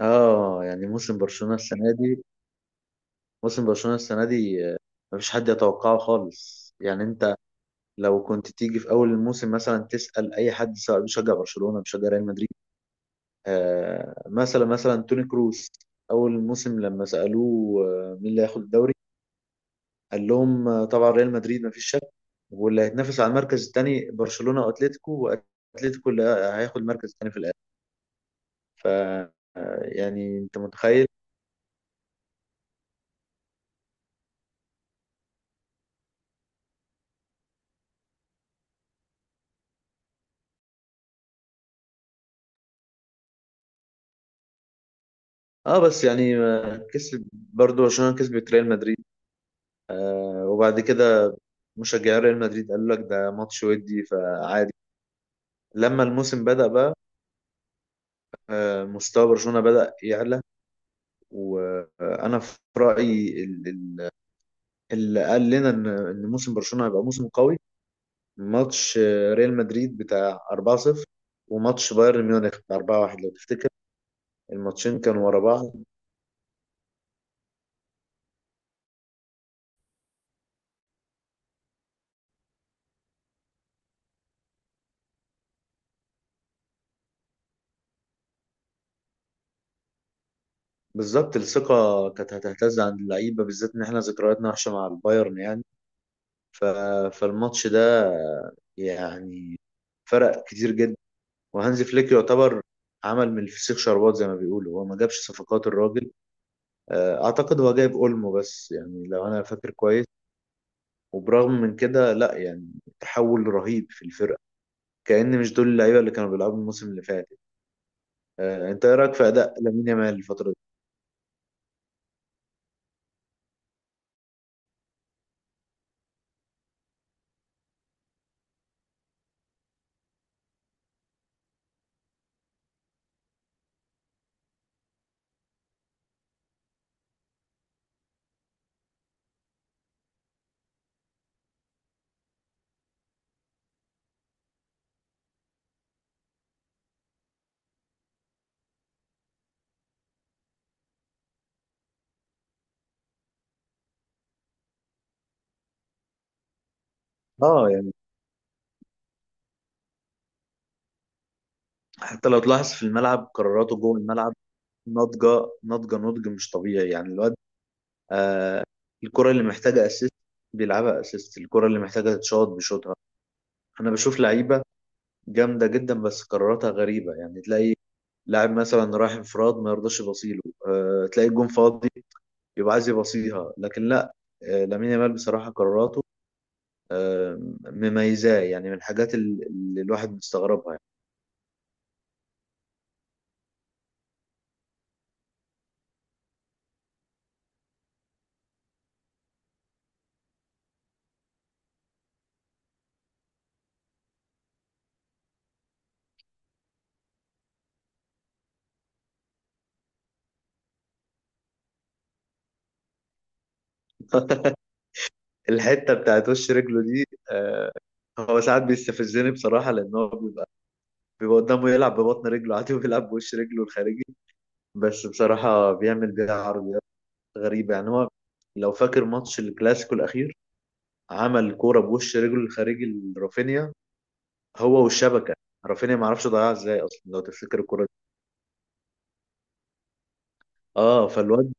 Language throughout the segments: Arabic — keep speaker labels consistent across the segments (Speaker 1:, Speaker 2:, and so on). Speaker 1: اه، يعني موسم برشلونة السنة دي مفيش حد يتوقعه خالص. يعني انت لو كنت تيجي في اول الموسم مثلا تسأل اي حد سواء بيشجع برشلونة بيشجع ريال مدريد، آه، مثلا توني كروس. اول الموسم لما سألوه، مين اللي هياخد الدوري؟ قال لهم، طبعا ريال مدريد مفيش شك، واللي هيتنافس على المركز الثاني برشلونة واتلتيكو، واتلتيكو اللي هياخد المركز الثاني في الاخر. ف آه، يعني انت متخيل. اه، بس يعني، كسب برضو عشان كسبت ريال مدريد. وبعد كده مشجعي ريال مدريد قالوا لك ده ماتش ودي فعادي. لما الموسم بدأ بقى، مستوى برشلونة بدأ يعلى. وانا في رأيي اللي قال لنا إن موسم برشلونة هيبقى موسم قوي، ماتش، ريال مدريد بتاع 4-0، وماتش بايرن ميونخ بتاع 4-1، لو تفتكر. الماتشين كانوا ورا بعض. بالظبط، الثقة كانت هتهتز عند اللعيبة بالذات ان احنا ذكرياتنا وحشة مع البايرن يعني. ف... فالماتش ده، يعني، فرق كتير جدا. وهانز فليك يعتبر عمل من الفسيخ شربات زي ما بيقولوا. هو ما جابش صفقات الراجل. اعتقد هو جايب اولمو بس، يعني لو انا فاكر كويس. وبرغم من كده لا، يعني تحول رهيب في الفرقه، كأن مش دول اللعيبه اللي كانوا بيلعبوا الموسم اللي فات. انت ايه رايك في اداء لامين يامال الفتره دي؟ اه، يعني حتى لو تلاحظ في الملعب قراراته جوه الملعب، ناضجه. ناضجه نضج مش طبيعي. يعني الواد، الكرة اللي محتاجة اسيست بيلعبها اسيست، الكرة اللي محتاجة تتشوط بيشوطها. انا بشوف لعيبة جامدة جدا بس قراراتها غريبة، يعني تلاقي لاعب مثلا رايح انفراد ما يرضاش يبصيله. تلاقي الجون فاضي يبقى عايز يبصيها، لكن لا. لامين يامال بصراحة قراراته أه مميزاه، يعني من الحاجات اللي الواحد مستغربها يعني. الحتة بتاعت وش رجله دي، آه، هو ساعات بيستفزني بصراحة لأن هو بيبقى، بيبقى قدامه يلعب ببطن رجله عادي وبيلعب بوش رجله الخارجي. بس بصراحة بيعمل بيها عرضيات غريبة. يعني هو لو فاكر ماتش الكلاسيكو الأخير، عمل كورة بوش رجله الخارجي لرافينيا، هو والشبكة. رافينيا معرفش ضيعها ازاي أصلا، لو تفتكر الكورة دي. اه، فالواد.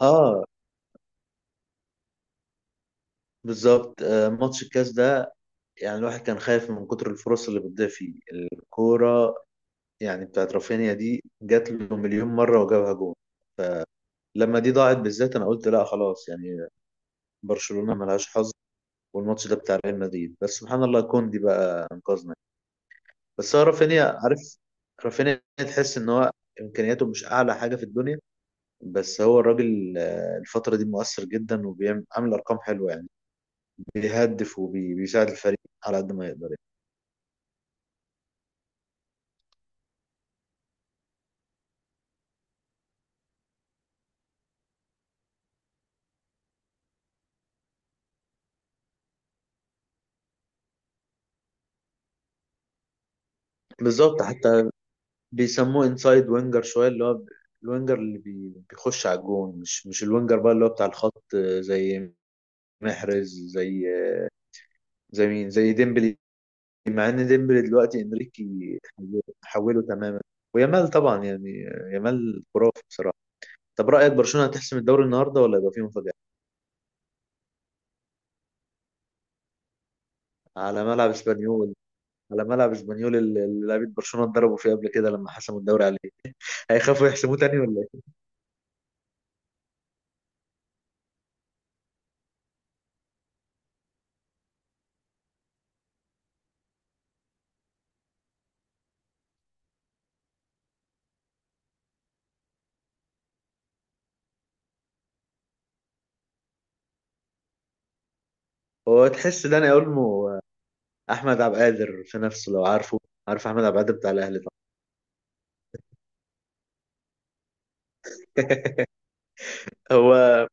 Speaker 1: اه، بالظبط، آه، ماتش الكاس ده، يعني الواحد كان خايف من كتر الفرص اللي بتضيع فيه الكورة. يعني بتاعت رافينيا دي جات له مليون مرة وجابها جول، لما دي ضاعت بالذات أنا قلت لا خلاص، يعني برشلونة ملهاش حظ، والماتش ده بتاع ريال مدريد. بس سبحان الله كوندي بقى انقذنا. بس هو رافينيا عارف، رافينيا تحس ان هو امكانياته مش اعلى حاجه في الدنيا، بس هو الراجل، الفتره دي مؤثر جدا وبيعمل عامل ارقام حلوه يعني. بيهدف وبيساعد الفريق على قد ما يقدر يعني. بالظبط. حتى بيسموه انسايد وينجر شويه، اللي هو الوينجر اللي بيخش على الجون، مش الوينجر بقى اللي هو بتاع الخط، زي محرز، زي، زي مين، زي ديمبلي. مع ان ديمبلي دلوقتي انريكي حوله تماما، ويامال طبعا يعني، يامال خرافي بصراحه. طب رايك برشلونه هتحسم الدوري النهارده ولا يبقى فيه مفاجاه؟ على ملعب اسبانيول. على ملعب اسبانيول اللي اللي لعيبه برشلونه اتضربوا فيه قبل كده لما حسموا الدوري عليه. هيخافوا يحسموه تاني ولا ايه؟ هو تحس داني اولمو احمد عبد القادر في نفسه لو عارفه؟ عارف احمد عبد القادر بتاع الاهلي طبعا. هو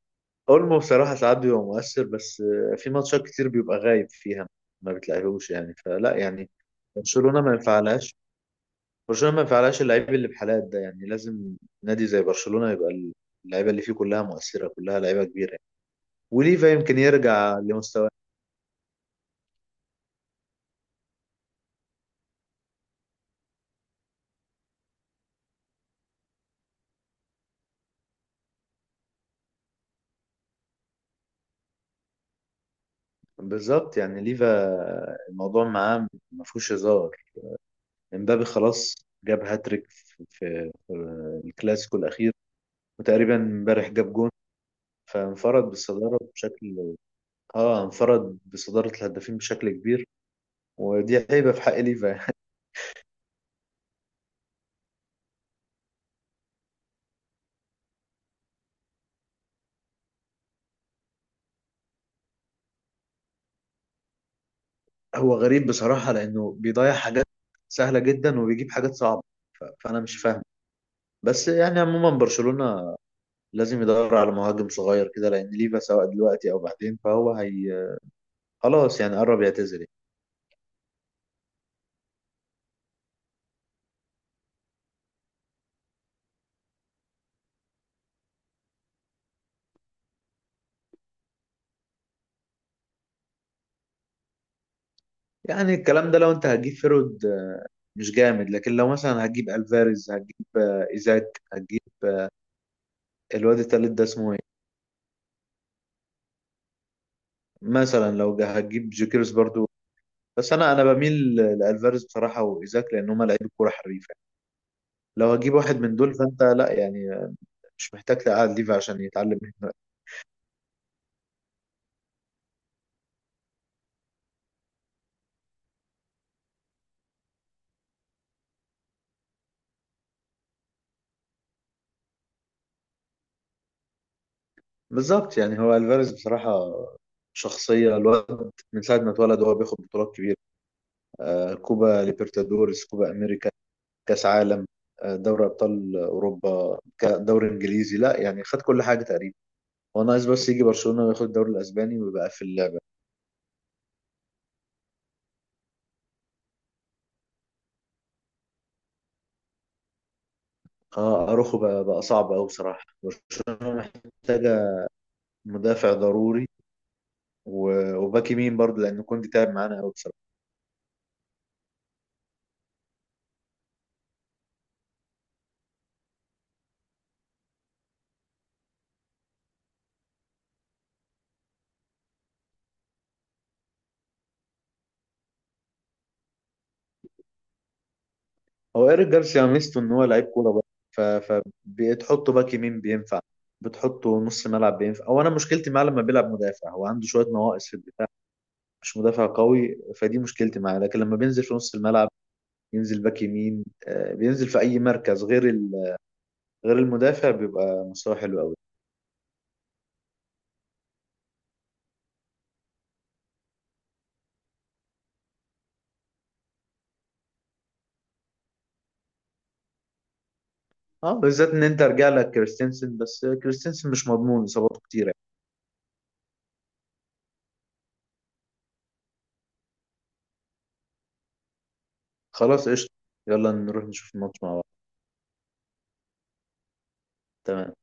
Speaker 1: اولمو بصراحه ساعات بيبقى مؤثر بس، في ماتشات كتير بيبقى غايب فيها ما بتلاقيهوش، يعني فلا. يعني برشلونه ما ينفعلهاش برشلونه ما ينفعلهاش اللعيب اللي بحالات ده. يعني لازم نادي زي برشلونه يبقى اللعيبه اللي فيه كلها مؤثره، كلها لعيبه كبيره يعني. وليفا يمكن يرجع لمستواه. بالظبط، يعني ليفا الموضوع معاه ما فيهوش هزار. امبابي خلاص جاب هاتريك في الكلاسيكو الاخير، وتقريبا امبارح جاب جون، فانفرد بالصداره بشكل. اه، انفرد بصدارة الهدافين بشكل كبير، ودي هيبة في حق ليفا يعني. هو غريب بصراحة لأنه بيضيع حاجات سهلة جدا وبيجيب حاجات صعبة، فأنا مش فاهم. بس يعني عموما برشلونة لازم يدور على مهاجم صغير كده، لأن ليفا سواء دلوقتي أو بعدين فهو هي خلاص، يعني قرب يعتزل يعني. يعني الكلام ده لو أنت هتجيب فيرود، مش جامد، لكن لو مثلا هتجيب ألفاريز، هتجيب، إيزاك، هتجيب الواد التالت ده اسمه إيه؟ مثلا لو هتجيب جيكيرس برضو. بس انا بميل لالفاريز بصراحه وايزاك، لان هما لعيبه كوره حريفه. لو هجيب واحد من دول فانت لا، يعني مش محتاج تقعد ليفا عشان يتعلم منه. بالظبط. يعني هو الفاريز بصراحه، شخصيه الواد من ساعه ما اتولد هو بياخد بطولات كبيره، آه، كوبا ليبرتادورس، كوبا امريكا، كاس عالم، آه، دوري ابطال اوروبا، دوري انجليزي، لا، يعني خد كل حاجه تقريبا. هو ناقص بس يجي برشلونه وياخد الدوري الاسباني ويبقى في اللعبه. اه، اروخو بقى صعب قوي بصراحه. برشلونه محتاجه مدافع ضروري، وباك يمين برضه، لان كنت تعب معانا قوي بصراحه. هو ايريك جارسيا ميزته ان هو لعيب كوره برضه، فبتحطه باك يمين بينفع، بتحطه نص ملعب بينفع. او انا مشكلتي معاه لما بيلعب مدافع، هو عنده شويه نواقص في الدفاع، مش مدافع قوي، فدي مشكلتي معاه. لكن لما بينزل في نص الملعب ينزل باك يمين، بينزل في اي مركز غير غير المدافع، بيبقى مستواه حلو قوي. اه، بالذات ان انت رجع لك كريستنسن، بس كريستنسن مش مضمون اصاباته كتيره. خلاص قشطه. يلا نروح نشوف الماتش مع بعض. تمام.